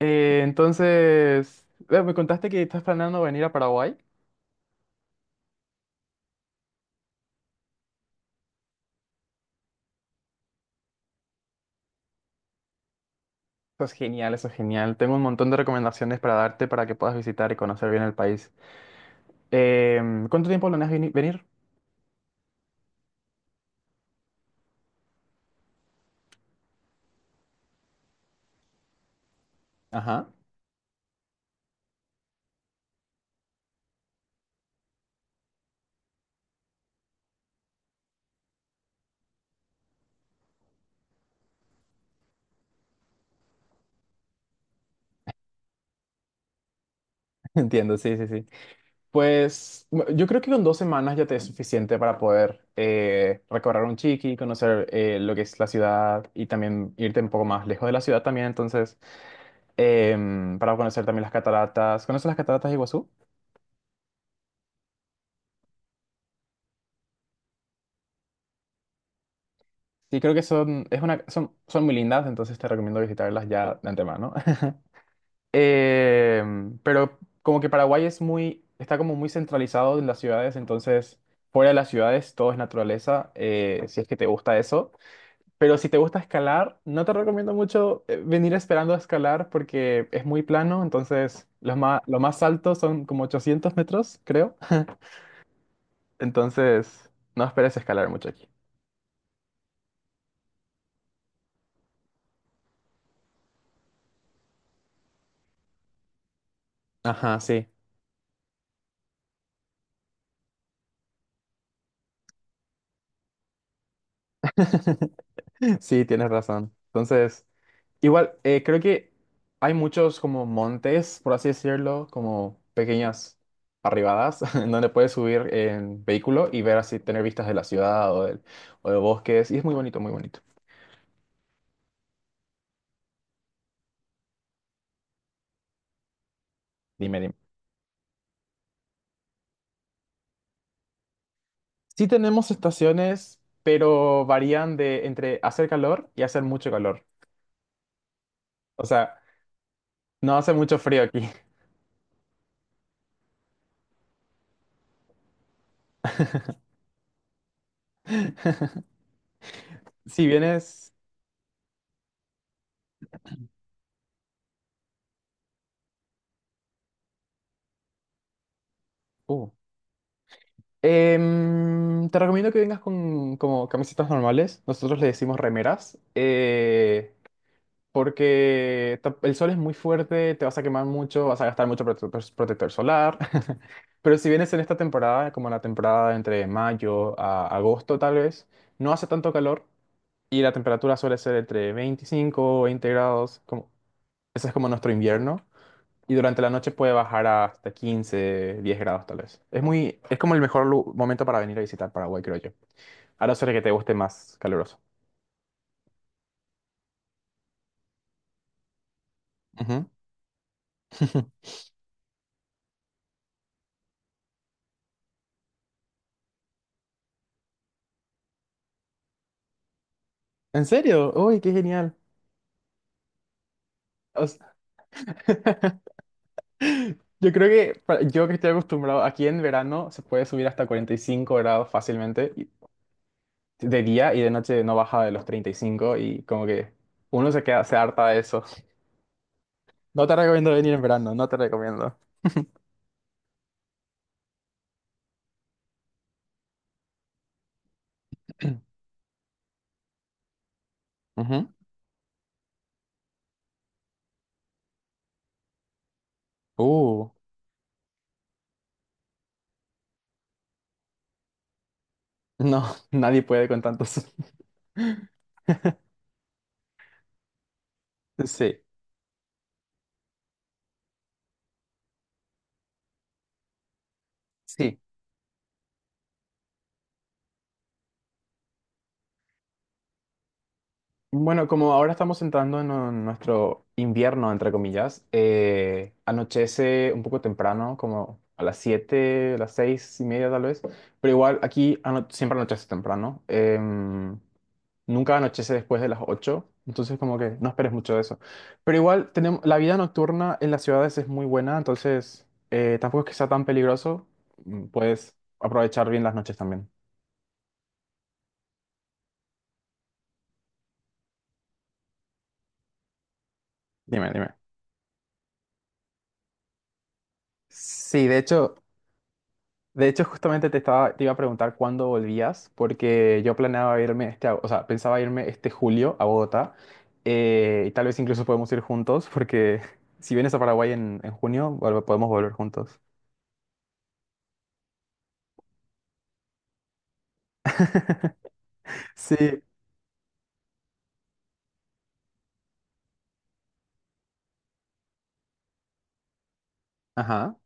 Entonces, me contaste que estás planeando venir a Paraguay. Eso es genial, eso es genial. Tengo un montón de recomendaciones para darte para que puedas visitar y conocer bien el país. ¿Cuánto tiempo planeas venir? Ajá. Entiendo, sí, sí, sí. Pues yo creo que con 2 semanas ya te es suficiente para poder recorrer un chiqui, conocer lo que es la ciudad y también irte un poco más lejos de la ciudad también. Entonces, para conocer también las cataratas. ¿Conoces las cataratas de Iguazú? Sí, creo que son, es una, son muy lindas, entonces te recomiendo visitarlas ya de antemano. Eh, pero como que Paraguay es muy, está como muy centralizado en las ciudades, entonces fuera de las ciudades todo es naturaleza, si es que te gusta eso. Pero si te gusta escalar, no te recomiendo mucho venir esperando a escalar porque es muy plano, entonces lo más altos son como 800 metros, creo. Entonces no esperes escalar mucho aquí. Ajá, sí. Sí, tienes razón. Entonces, igual, creo que hay muchos como montes, por así decirlo, como pequeñas arribadas, en donde puedes subir en vehículo y ver así, tener vistas de la ciudad o o de bosques. Y es muy bonito, muy bonito. Dime, dime. Sí tenemos estaciones, pero varían de entre hacer calor y hacer mucho calor. O sea, no hace mucho frío aquí. Si vienes. Uh, Te recomiendo que vengas con como camisetas normales. Nosotros le decimos remeras. Porque el sol es muy fuerte, te vas a quemar mucho, vas a gastar mucho protector solar. Pero si vienes en esta temporada, como la temporada entre mayo a agosto tal vez, no hace tanto calor y la temperatura suele ser entre 25 o 20 grados. Como, ese es como nuestro invierno. Y durante la noche puede bajar hasta 15, 10 grados tal vez. Es muy, es como el mejor momento para venir a visitar Paraguay, creo yo. A no ser que te guste más caluroso. Ujú. ¿En serio? ¡Uy, qué genial! O sea, yo creo que yo que estoy acostumbrado, aquí en verano se puede subir hasta 45 grados fácilmente de día y de noche no baja de los 35 y cinco y como que uno se queda, se harta de eso. No te recomiendo venir en verano, no te recomiendo. Ujú. Uh, No, nadie puede con tantos. Sí, sí. Bueno, como ahora estamos entrando en nuestro invierno, entre comillas, anochece un poco temprano, como a las 7, a las 6:30 tal vez, pero igual aquí siempre anochece temprano. Nunca anochece después de las 8, entonces como que no esperes mucho de eso. Pero igual tenemos, la vida nocturna en las ciudades es muy buena, entonces tampoco es que sea tan peligroso, puedes aprovechar bien las noches también. Dime, dime. Sí, de hecho, justamente te iba a preguntar cuándo volvías, porque yo planeaba irme o sea, pensaba irme este julio a Bogotá, y tal vez incluso podemos ir juntos, porque si vienes a Paraguay en junio, podemos volver juntos. Sí, ajá,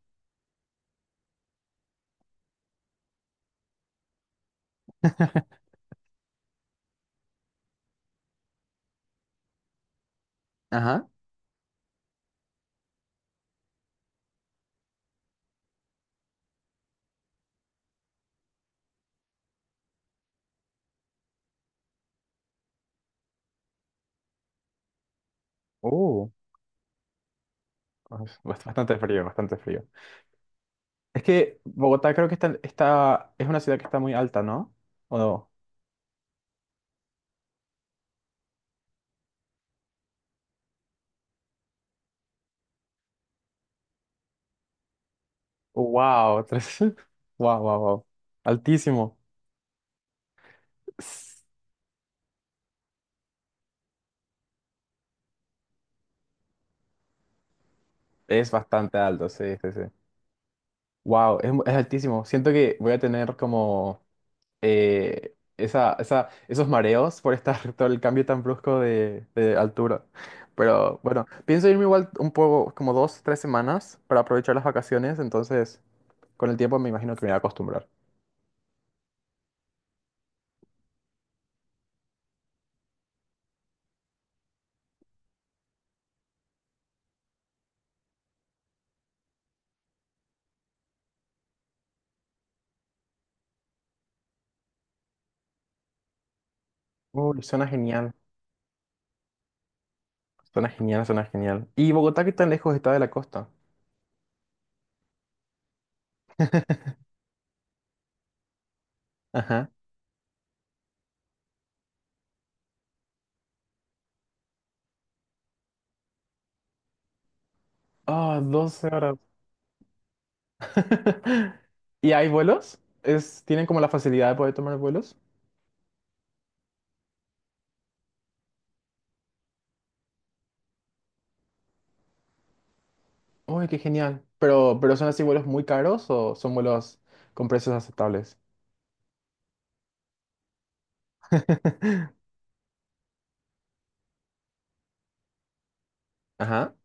ajá. Uh, pues, bastante frío, bastante frío. Es que Bogotá creo que es una ciudad que está muy alta, ¿no? ¿O no? Wow, wow, wow, wow. Altísimo. S- Es bastante alto, sí, sí, sí. Wow, es altísimo. Siento que voy a tener como esos mareos por estar todo el cambio tan brusco de altura. Pero bueno, pienso irme igual un poco, como 2 o 3 semanas para aprovechar las vacaciones, entonces con el tiempo me imagino que me voy a acostumbrar. Uy, suena genial. Suena genial, suena genial. ¿Y Bogotá qué tan lejos está de la costa? Ajá. Ah, 12 horas. ¿Y hay vuelos? Tienen como la facilidad de poder tomar vuelos? Uy, qué genial. Pero ¿son así vuelos muy caros o son vuelos con precios aceptables? Ajá.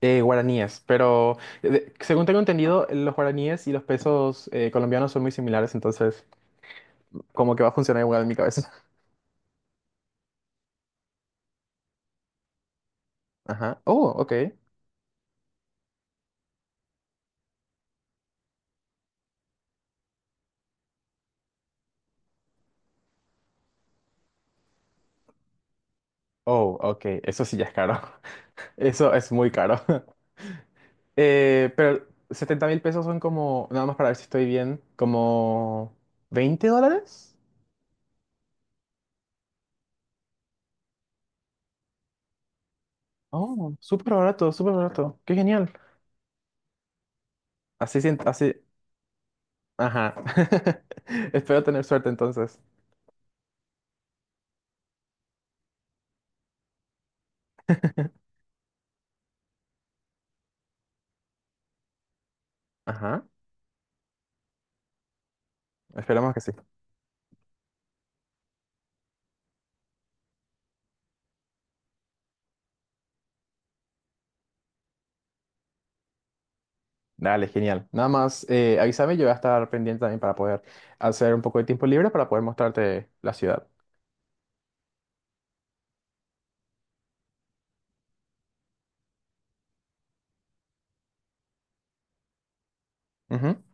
Guaraníes, pero según tengo entendido, los guaraníes y los pesos colombianos son muy similares, entonces como que va a funcionar igual en mi cabeza. Ajá. Oh, ok. Oh, ok. Eso sí ya es caro. Eso es muy caro. Pero $70.000 son como, nada más para ver si estoy bien, como US$20. Oh, súper barato, súper barato. Qué genial. Así, así, ajá. Espero tener suerte entonces. Ajá, esperamos que sí. Dale, genial. Nada más, avísame, yo voy a estar pendiente también para poder hacer un poco de tiempo libre para poder mostrarte la ciudad. Ujú.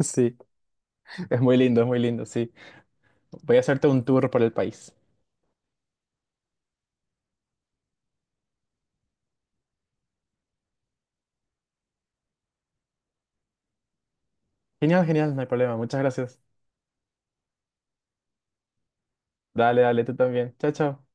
Sí, es muy lindo, sí. Voy a hacerte un tour por el país. Genial, genial, no hay problema. Muchas gracias. Dale, dale, tú también. Chao, chao.